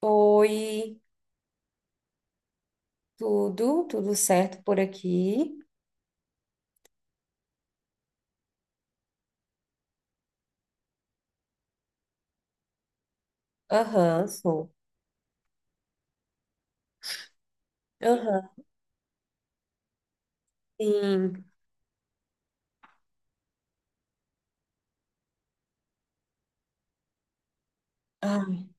Oi, tudo certo por aqui? Aham, sou. Aham, sim. Ai,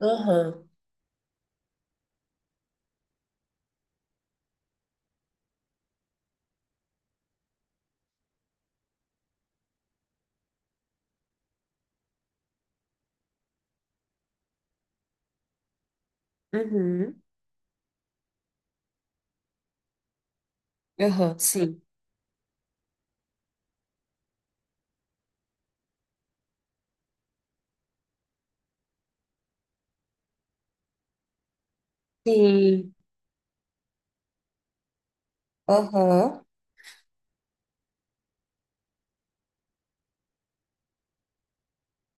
aham. Uhum. Aham, sim. Sim. Aham.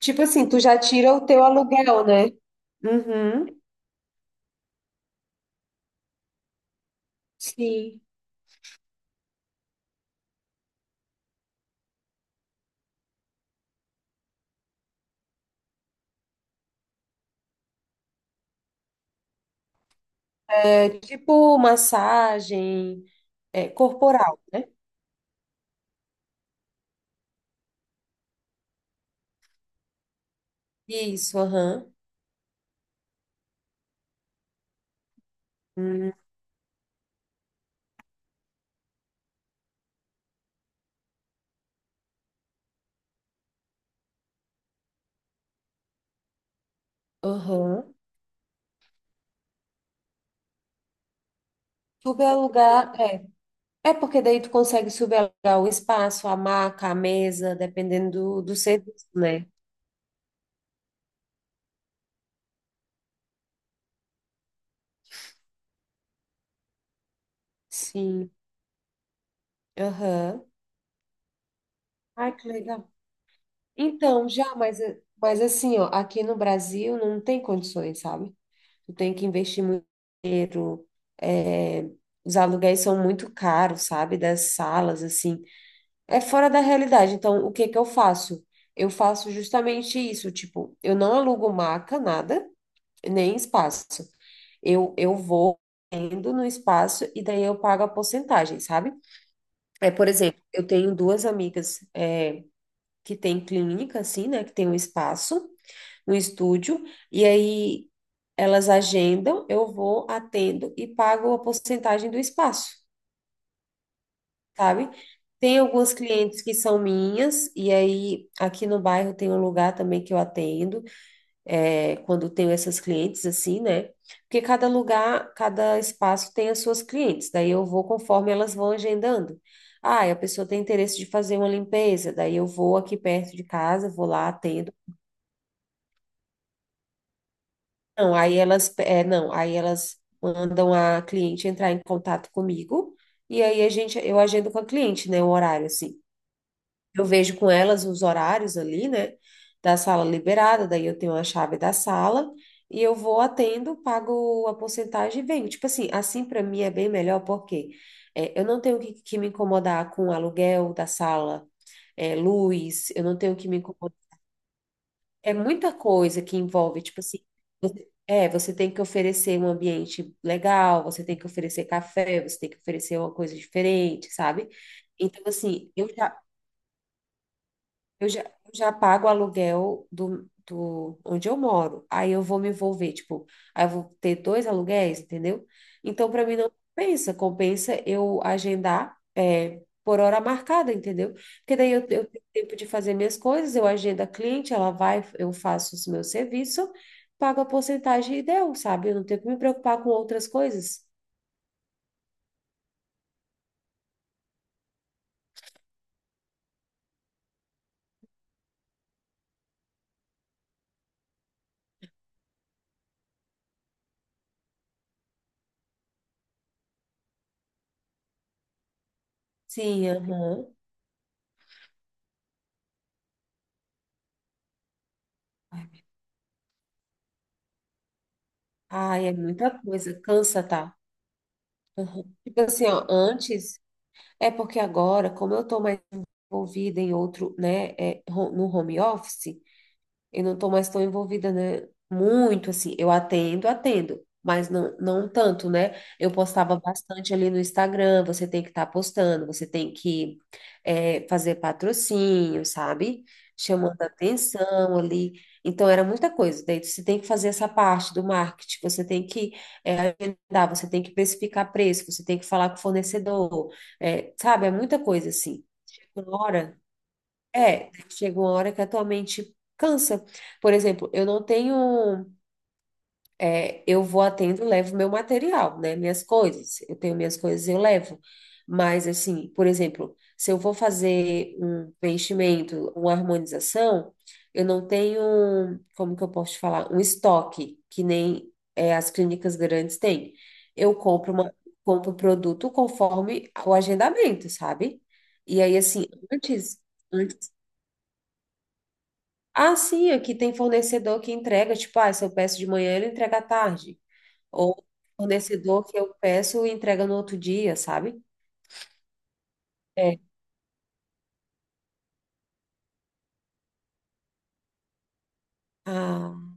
Tipo assim, tu já tira o teu aluguel, né? Uhum. Sim. É tipo massagem corporal, né? Isso, aham. Hum. Aham. Tu quer alugar? É porque daí tu consegue subelar o espaço, a maca, a mesa, dependendo do, do serviço, né? Sim. Aham. Ai, que legal. Então, já, mas assim, ó, aqui no Brasil não tem condições, sabe? Tu tem que investir muito dinheiro. é, os aluguéis são muito caros, sabe? Das salas, assim. É fora da realidade. Então, o que que eu faço? Eu faço justamente isso, tipo, eu não alugo maca, nada, nem espaço. Eu vou indo no espaço e daí eu pago a porcentagem, sabe? É, por exemplo, eu tenho duas amigas que têm clínica, assim, né? Que tem um espaço, um estúdio, e aí elas agendam, eu vou, atendo e pago a porcentagem do espaço, sabe? Tem algumas clientes que são minhas, e aí aqui no bairro tem um lugar também que eu atendo. Quando tenho essas clientes assim, né? Porque cada lugar, cada espaço tem as suas clientes, daí eu vou conforme elas vão agendando. Ah, e a pessoa tem interesse de fazer uma limpeza, daí eu vou aqui perto de casa, vou lá, atendo. Não, aí elas, não, aí elas mandam a cliente entrar em contato comigo, e aí eu agendo com a cliente, né, o horário, assim. Eu vejo com elas os horários ali, né? Da sala liberada, daí eu tenho a chave da sala e eu vou atendo, pago a porcentagem e venho. Tipo assim, assim para mim é bem melhor porque eu não tenho que me incomodar com o aluguel da sala, luz, eu não tenho que me incomodar. É muita coisa que envolve, tipo assim, você tem que oferecer um ambiente legal, você tem que oferecer café, você tem que oferecer uma coisa diferente, sabe? Então, assim, eu já pago o aluguel do, do onde eu moro. Aí eu vou me envolver, tipo, aí eu vou ter dois aluguéis, entendeu? Então, para mim, não compensa. Compensa eu agendar por hora marcada, entendeu? Porque daí eu tenho tempo de fazer minhas coisas, eu agendo a cliente, ela vai, eu faço o meu serviço, pago a porcentagem e deu, sabe? Eu não tenho que me preocupar com outras coisas. Sim, aham. Ai, é muita coisa, cansa, tá? Aham. Tipo assim, ó, antes. É porque agora, como eu estou mais envolvida em outro, né, no home office, eu não estou mais tão envolvida, né? Muito assim, eu atendo, atendo, mas não, não tanto, né? Eu postava bastante ali no Instagram, você tem que estar postando, você tem que fazer patrocínio, sabe? Chamando atenção ali. Então era muita coisa. Daí você tem que fazer essa parte do marketing, você tem que é, agendar, você tem que especificar preço, você tem que falar com o fornecedor, sabe? É muita coisa assim. Chega uma hora chega uma hora que a tua mente cansa. Por exemplo, eu não tenho. Eu vou atendo, levo meu material, né? Minhas coisas. Eu tenho minhas coisas, eu levo. Mas, assim, por exemplo, se eu vou fazer um preenchimento, uma harmonização, eu não tenho, como que eu posso te falar? Um estoque, que nem as clínicas grandes têm. Eu compro compro o produto conforme o agendamento, sabe? E aí, assim, antes. Ah, sim, aqui tem fornecedor que entrega, tipo, ah, se eu peço de manhã, ele entrega à tarde. Ou fornecedor que eu peço e entrega no outro dia, sabe? É. Ah,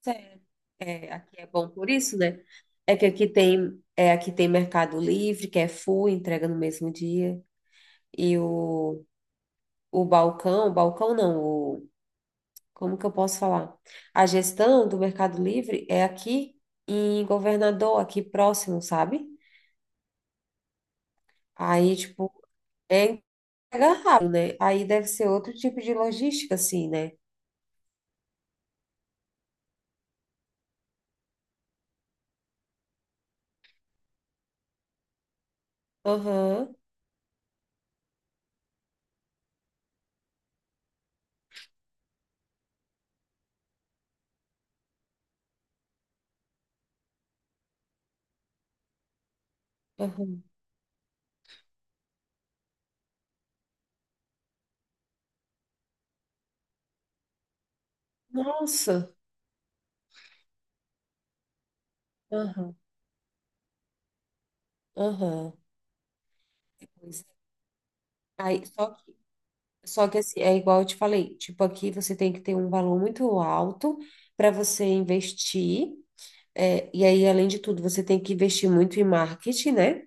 sério. É, aqui é bom por isso, né? É que aqui aqui tem Mercado Livre, que é full, entrega no mesmo dia. E o balcão, balcão não, como que eu posso falar? A gestão do Mercado Livre é aqui em Governador, aqui próximo, sabe? Aí, tipo, é chega rápido, né? Aí deve ser outro tipo de logística, assim, né? Aham, aham. Nossa, aham, aham. Pois é. Aí, só que assim, é igual eu te falei, tipo, aqui você tem que ter um valor muito alto para você investir, e aí, além de tudo, você tem que investir muito em marketing, né?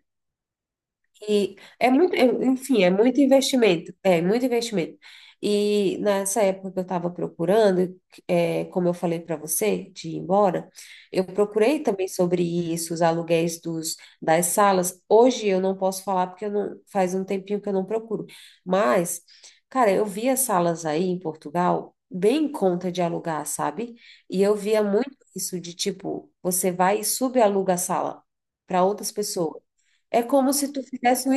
E é muito, enfim, é muito investimento, é muito investimento. E nessa época que eu estava procurando, é, como eu falei para você, de ir embora, eu procurei também sobre isso, os aluguéis dos, das salas. Hoje eu não posso falar porque eu não, faz um tempinho que eu não procuro. Mas, cara, eu via salas aí em Portugal bem em conta de alugar, sabe? E eu via muito isso de tipo, você vai e subaluga a sala para outras pessoas. É como se tu fizesse um,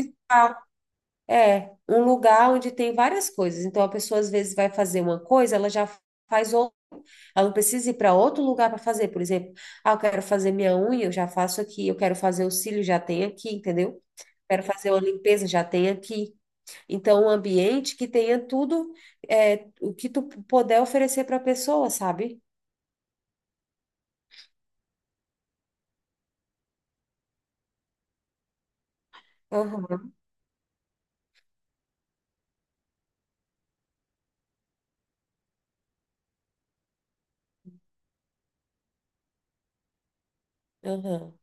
é, um lugar onde tem várias coisas. Então, a pessoa às vezes vai fazer uma coisa, ela já faz outra. Ela não precisa ir para outro lugar para fazer. Por exemplo, ah, eu quero fazer minha unha, eu já faço aqui. Eu quero fazer o cílio, já tem aqui, entendeu? Quero fazer uma limpeza, já tem aqui. Então, um ambiente que tenha tudo o que tu puder oferecer para a pessoa, sabe? Aham, aham.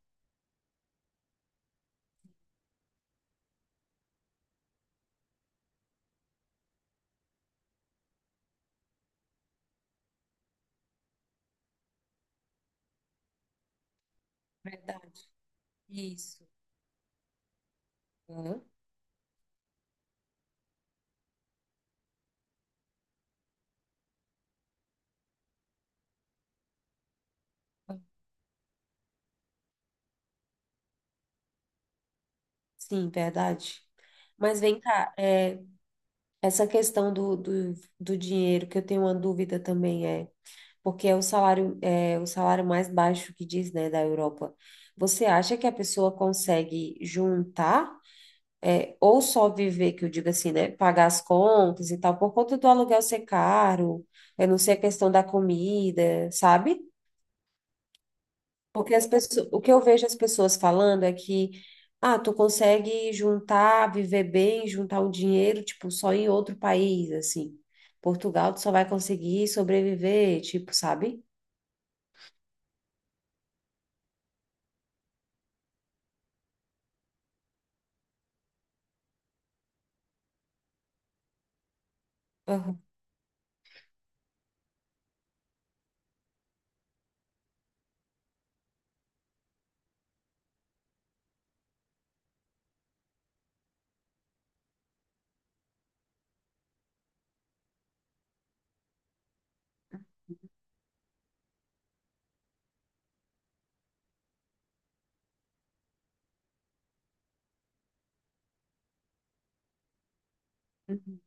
Verdade. Isso. Aham. Sim, verdade. Mas vem cá, essa questão do dinheiro, que eu tenho uma dúvida também porque é o salário, mais baixo que diz, né, da Europa. Você acha que a pessoa consegue juntar, ou só viver, que eu digo assim, né, pagar as contas e tal, por conta do aluguel ser caro, eu não sei a questão da comida, sabe? Porque as pessoas, o que eu vejo as pessoas falando é que, ah, tu consegue juntar, viver bem, juntar um dinheiro, tipo, só em outro país, assim. Portugal, tu só vai conseguir sobreviver, tipo, sabe? Aham. Uhum.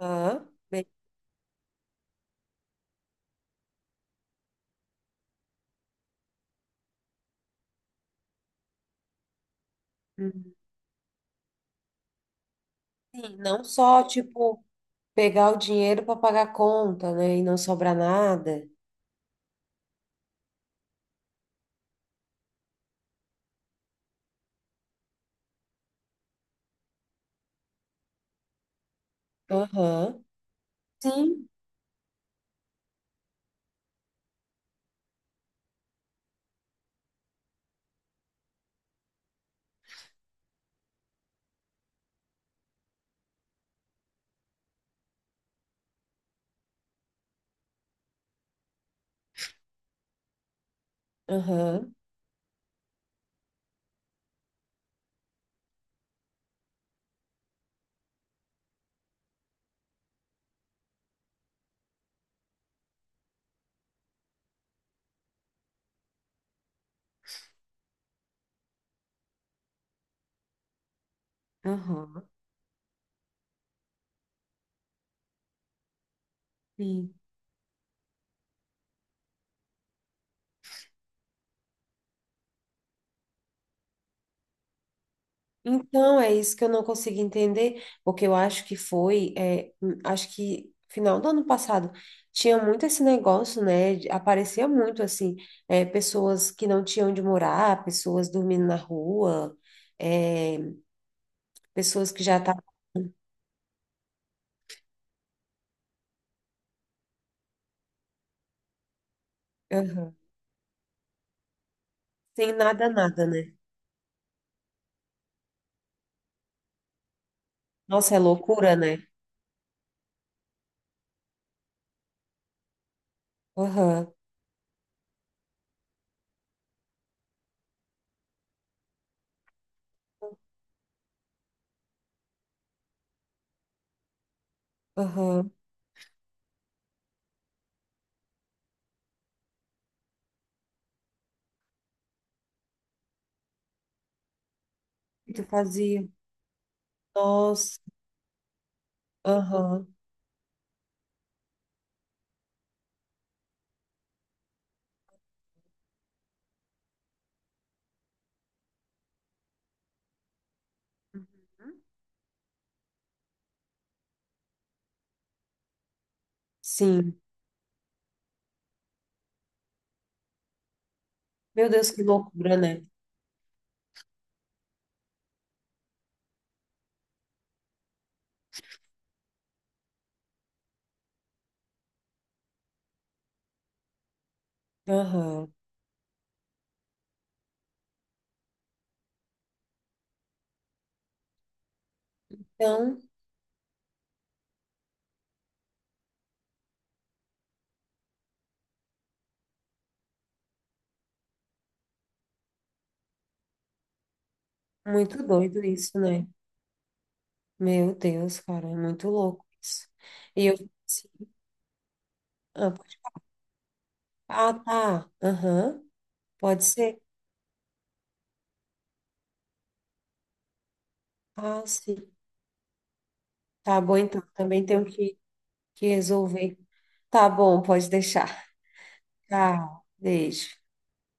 Aham. Uhum. Sim, não só, tipo, pegar o dinheiro para pagar a conta, né, e não sobrar nada. Aham. Sim. Aham. Aham. Sim. Então, é isso que eu não consigo entender, porque eu acho que foi, acho que final do ano passado tinha muito esse negócio, né? Aparecia muito assim, pessoas que não tinham onde morar, pessoas dormindo na rua, é, pessoas que já tá. Aham. Sem nada, nada, né? Nossa, é loucura, né? Aham, aham. E tu fazia? Nossa, aham. Sim. Meu Deus, que loucura, né? Aham. Então. Muito doido isso, né? Meu Deus, cara, é muito louco isso. E eu, assim, ah, pode- ah, tá, aham, pode ser. Ah, sim. Tá bom, então, também tenho que, resolver. Tá bom, pode deixar. Tá, beijo.